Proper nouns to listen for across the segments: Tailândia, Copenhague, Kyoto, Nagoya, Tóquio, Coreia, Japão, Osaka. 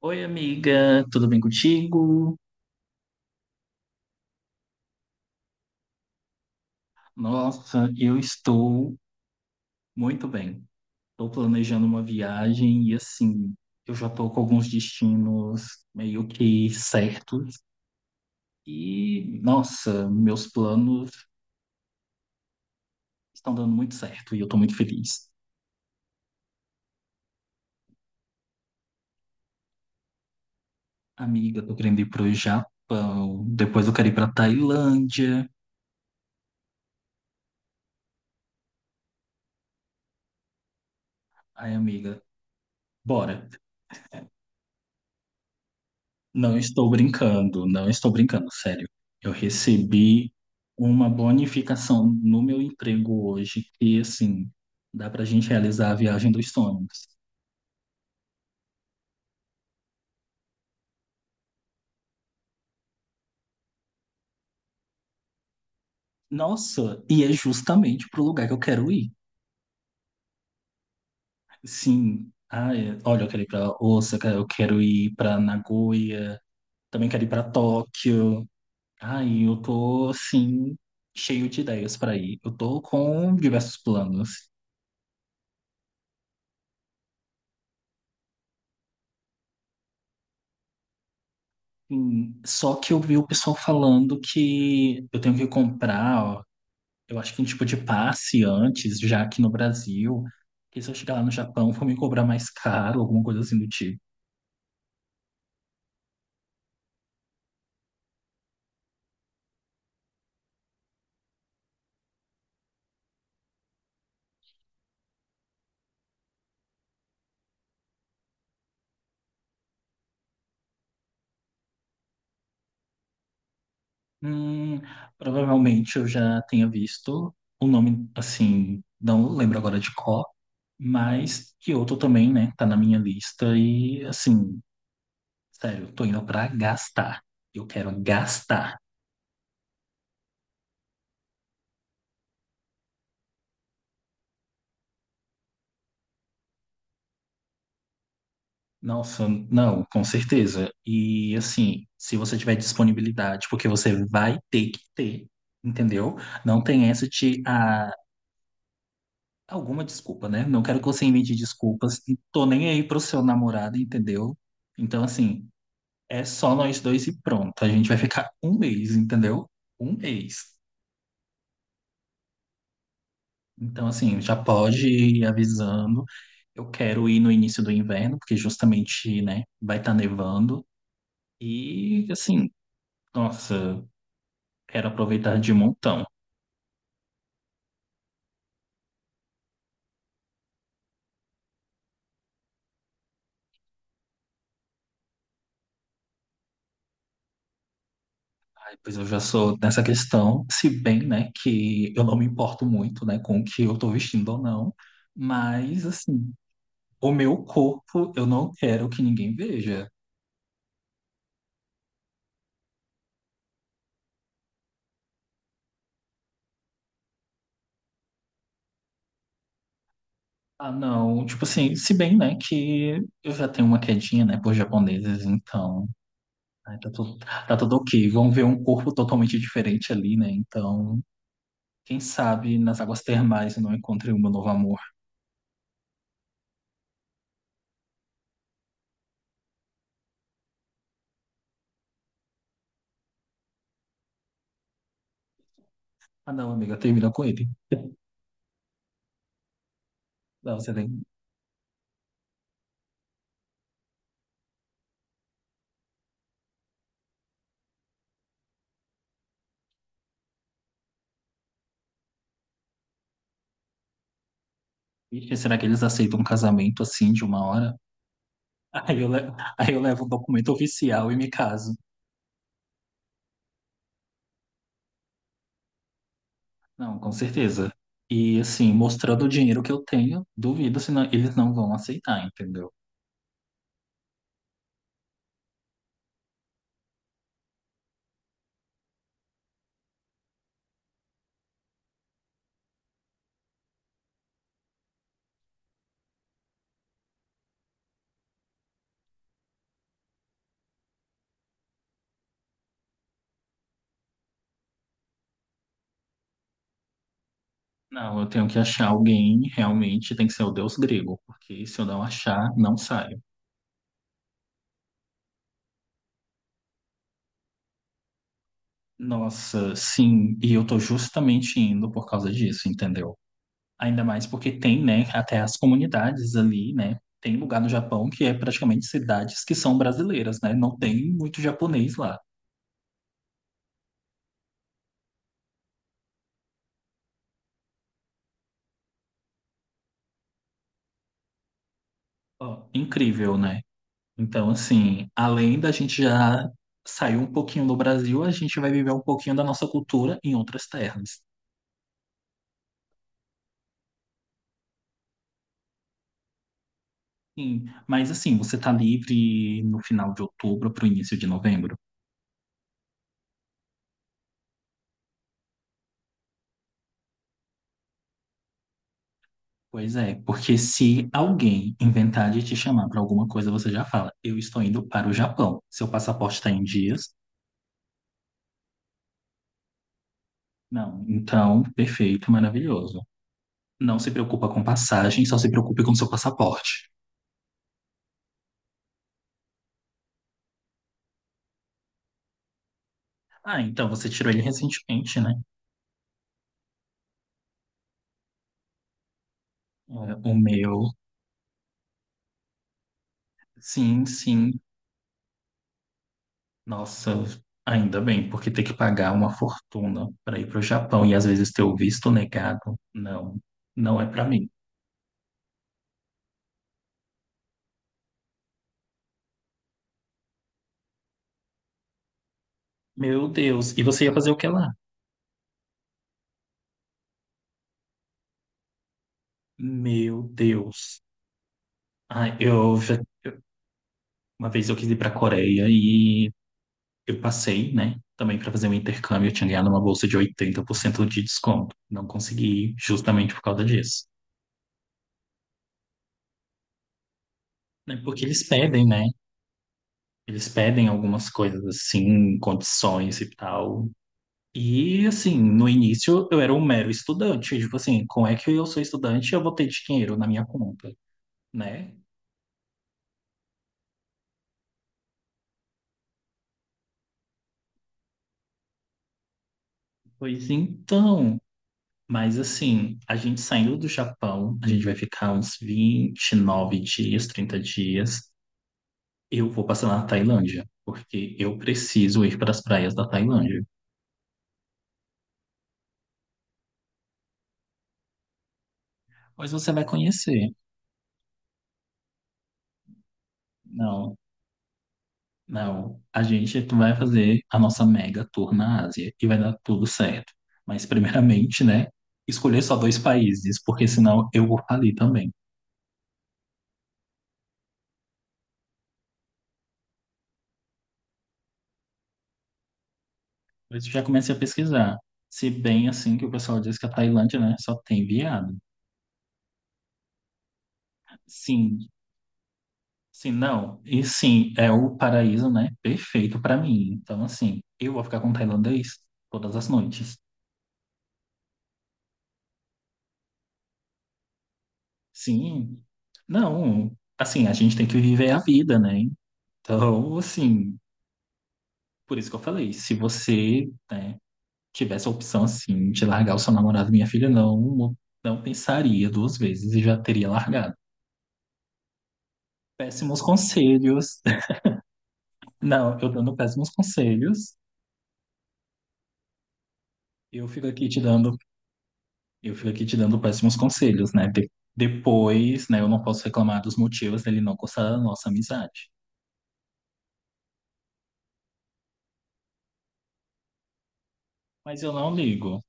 Oi, amiga, tudo bem contigo? Nossa, eu estou muito bem. Estou planejando uma viagem e, assim, eu já estou com alguns destinos meio que certos. E, nossa, meus planos estão dando muito certo e eu estou muito feliz. Amiga, estou querendo ir para o Japão, depois eu quero ir para Tailândia. Ai, amiga, bora. Não estou brincando, não estou brincando, sério. Eu recebi uma bonificação no meu emprego hoje e, assim, dá pra gente realizar a viagem dos sonhos. Nossa, e é justamente pro lugar que eu quero ir. Sim, ah, é, olha, eu quero ir pra Osaka, eu quero ir pra Nagoya, também quero ir pra Tóquio. Ai, eu tô assim cheio de ideias pra ir. Eu tô com diversos planos. Sim, só que eu vi o pessoal falando que eu tenho que comprar, ó, eu acho que um tipo de passe antes, já aqui no Brasil, que se eu chegar lá no Japão vão me cobrar mais caro, alguma coisa assim do tipo. Hum, provavelmente eu já tenha visto o nome, assim, não lembro agora de qual, mas Kyoto também, né, tá na minha lista e, assim, sério, eu tô indo pra gastar. Eu quero gastar. Nossa, não, com certeza. E, assim, se você tiver disponibilidade, porque você vai ter que ter, entendeu? Não tem essa de ah, alguma desculpa, né? Não quero que você invente desculpas. E tô nem aí pro seu namorado, entendeu? Então, assim, é só nós dois e pronto. A gente vai ficar um mês, entendeu? Um mês. Então, assim, já pode ir avisando. Eu quero ir no início do inverno, porque justamente, né, vai estar nevando. E, assim. Nossa, quero aproveitar de montão. Aí, pois eu já sou nessa questão, se bem, né, que eu não me importo muito, né, com o que eu tô vestindo ou não, mas, assim, o meu corpo eu não quero que ninguém veja. Ah, não, tipo assim, se bem, né, que eu já tenho uma quedinha, né, por japoneses, então, né, tá tudo ok. Vão ver um corpo totalmente diferente ali, né, então, quem sabe nas águas termais eu não encontrei o meu novo amor. Ah, não, amiga, termina com ele. Não, você tem Ixi, será que eles aceitam um casamento assim de uma hora? Aí eu, le- aí eu levo um documento oficial e me caso. Não, com certeza. E assim, mostrando o dinheiro que eu tenho, duvido se não- eles não vão aceitar, entendeu? Não, eu tenho que achar alguém, realmente tem que ser o deus grego, porque se eu não achar, não saio. Nossa, sim, e eu tô justamente indo por causa disso, entendeu? Ainda mais porque tem, né, até as comunidades ali, né? Tem lugar no Japão que é praticamente cidades que são brasileiras, né? Não tem muito japonês lá. Ó, incrível, né? Então, assim, além da gente já sair um pouquinho do Brasil, a gente vai viver um pouquinho da nossa cultura em outras terras. Sim, mas assim, você tá livre no final de outubro para o início de novembro? Pois é, porque se alguém inventar de te chamar para alguma coisa, você já fala, eu estou indo para o Japão. Seu passaporte está em dias? Não, então, perfeito, maravilhoso. Não se preocupa com passagem, só se preocupe com seu passaporte. Ah, então você tirou ele recentemente, né? É, o meu, sim, sim. Nossa, ainda bem, porque ter que pagar uma fortuna para ir para o Japão e às vezes ter o visto negado, não, não é para mim. Meu Deus, e você ia fazer o que lá? Meu Deus. Ai, eu já, eu- uma vez eu quis ir para a Coreia e eu passei, né? Também para fazer um intercâmbio, eu tinha ganhado uma bolsa de 80% de desconto. Não consegui justamente por causa disso. Né? Porque eles pedem, né? Eles pedem algumas coisas assim, condições e tal. E assim, no início eu era um mero estudante. Tipo assim, como é que eu sou estudante e eu vou ter dinheiro na minha conta, né? Pois então, mas assim, a gente saindo do Japão, a gente vai ficar uns 29 dias, 30 dias. Eu vou passar na Tailândia, porque eu preciso ir para as praias da Tailândia. Mas você vai conhecer. Não, não. A gente vai fazer a nossa mega tour na Ásia e vai dar tudo certo. Mas, primeiramente, né, escolher só dois países, porque senão eu vou falir também. Mas eu já comecei a pesquisar. Se bem assim que o pessoal diz que a Tailândia, né, só tem viado. Sim, sim, não. E sim, é o paraíso, né, perfeito para mim. Então, assim, eu vou ficar com o tailandês todas as noites. Sim. Não, assim, a gente tem que viver a vida, né? Então, assim, por isso que eu falei, se você, né, tivesse a opção, assim, de largar o seu namorado, minha filha, não, não pensaria duas vezes e já teria largado. Péssimos conselhos. Não, eu dando péssimos conselhos, eu fico aqui te dando, eu fico aqui te dando péssimos conselhos, né? De- depois, né, eu não posso reclamar dos motivos dele não gostar da nossa amizade. Mas eu não ligo.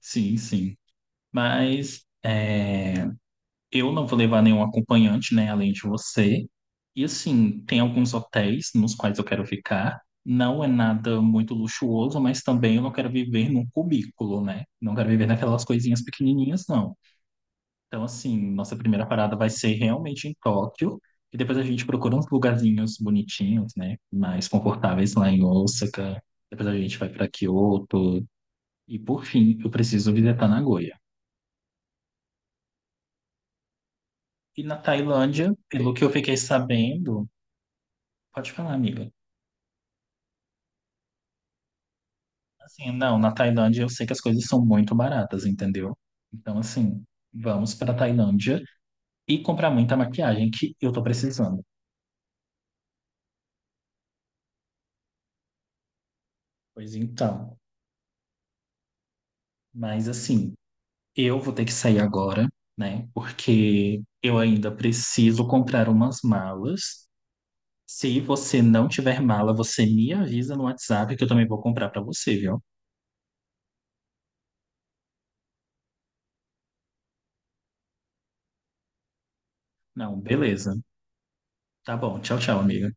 Sim, sim. Mas é, eu não vou levar nenhum acompanhante, né, além de você. E assim, tem alguns hotéis nos quais eu quero ficar. Não é nada muito luxuoso, mas também eu não quero viver num cubículo, né? Não quero viver naquelas coisinhas pequenininhas, não. Então, assim, nossa primeira parada vai ser realmente em Tóquio. E depois a gente procura uns lugarzinhos bonitinhos, né? Mais confortáveis lá em Osaka. Depois a gente vai para Kyoto. E por fim, eu preciso visitar Nagoya. E na Tailândia, pelo que eu fiquei sabendo, pode falar, amiga. Assim, não, na Tailândia eu sei que as coisas são muito baratas, entendeu? Então, assim, vamos para Tailândia e comprar muita maquiagem que eu tô precisando. Pois então, mas assim, eu vou ter que sair agora, né? Porque eu ainda preciso comprar umas malas. Se você não tiver mala, você me avisa no WhatsApp que eu também vou comprar para você, viu? Não, beleza. Tá bom. Tchau, tchau, amiga.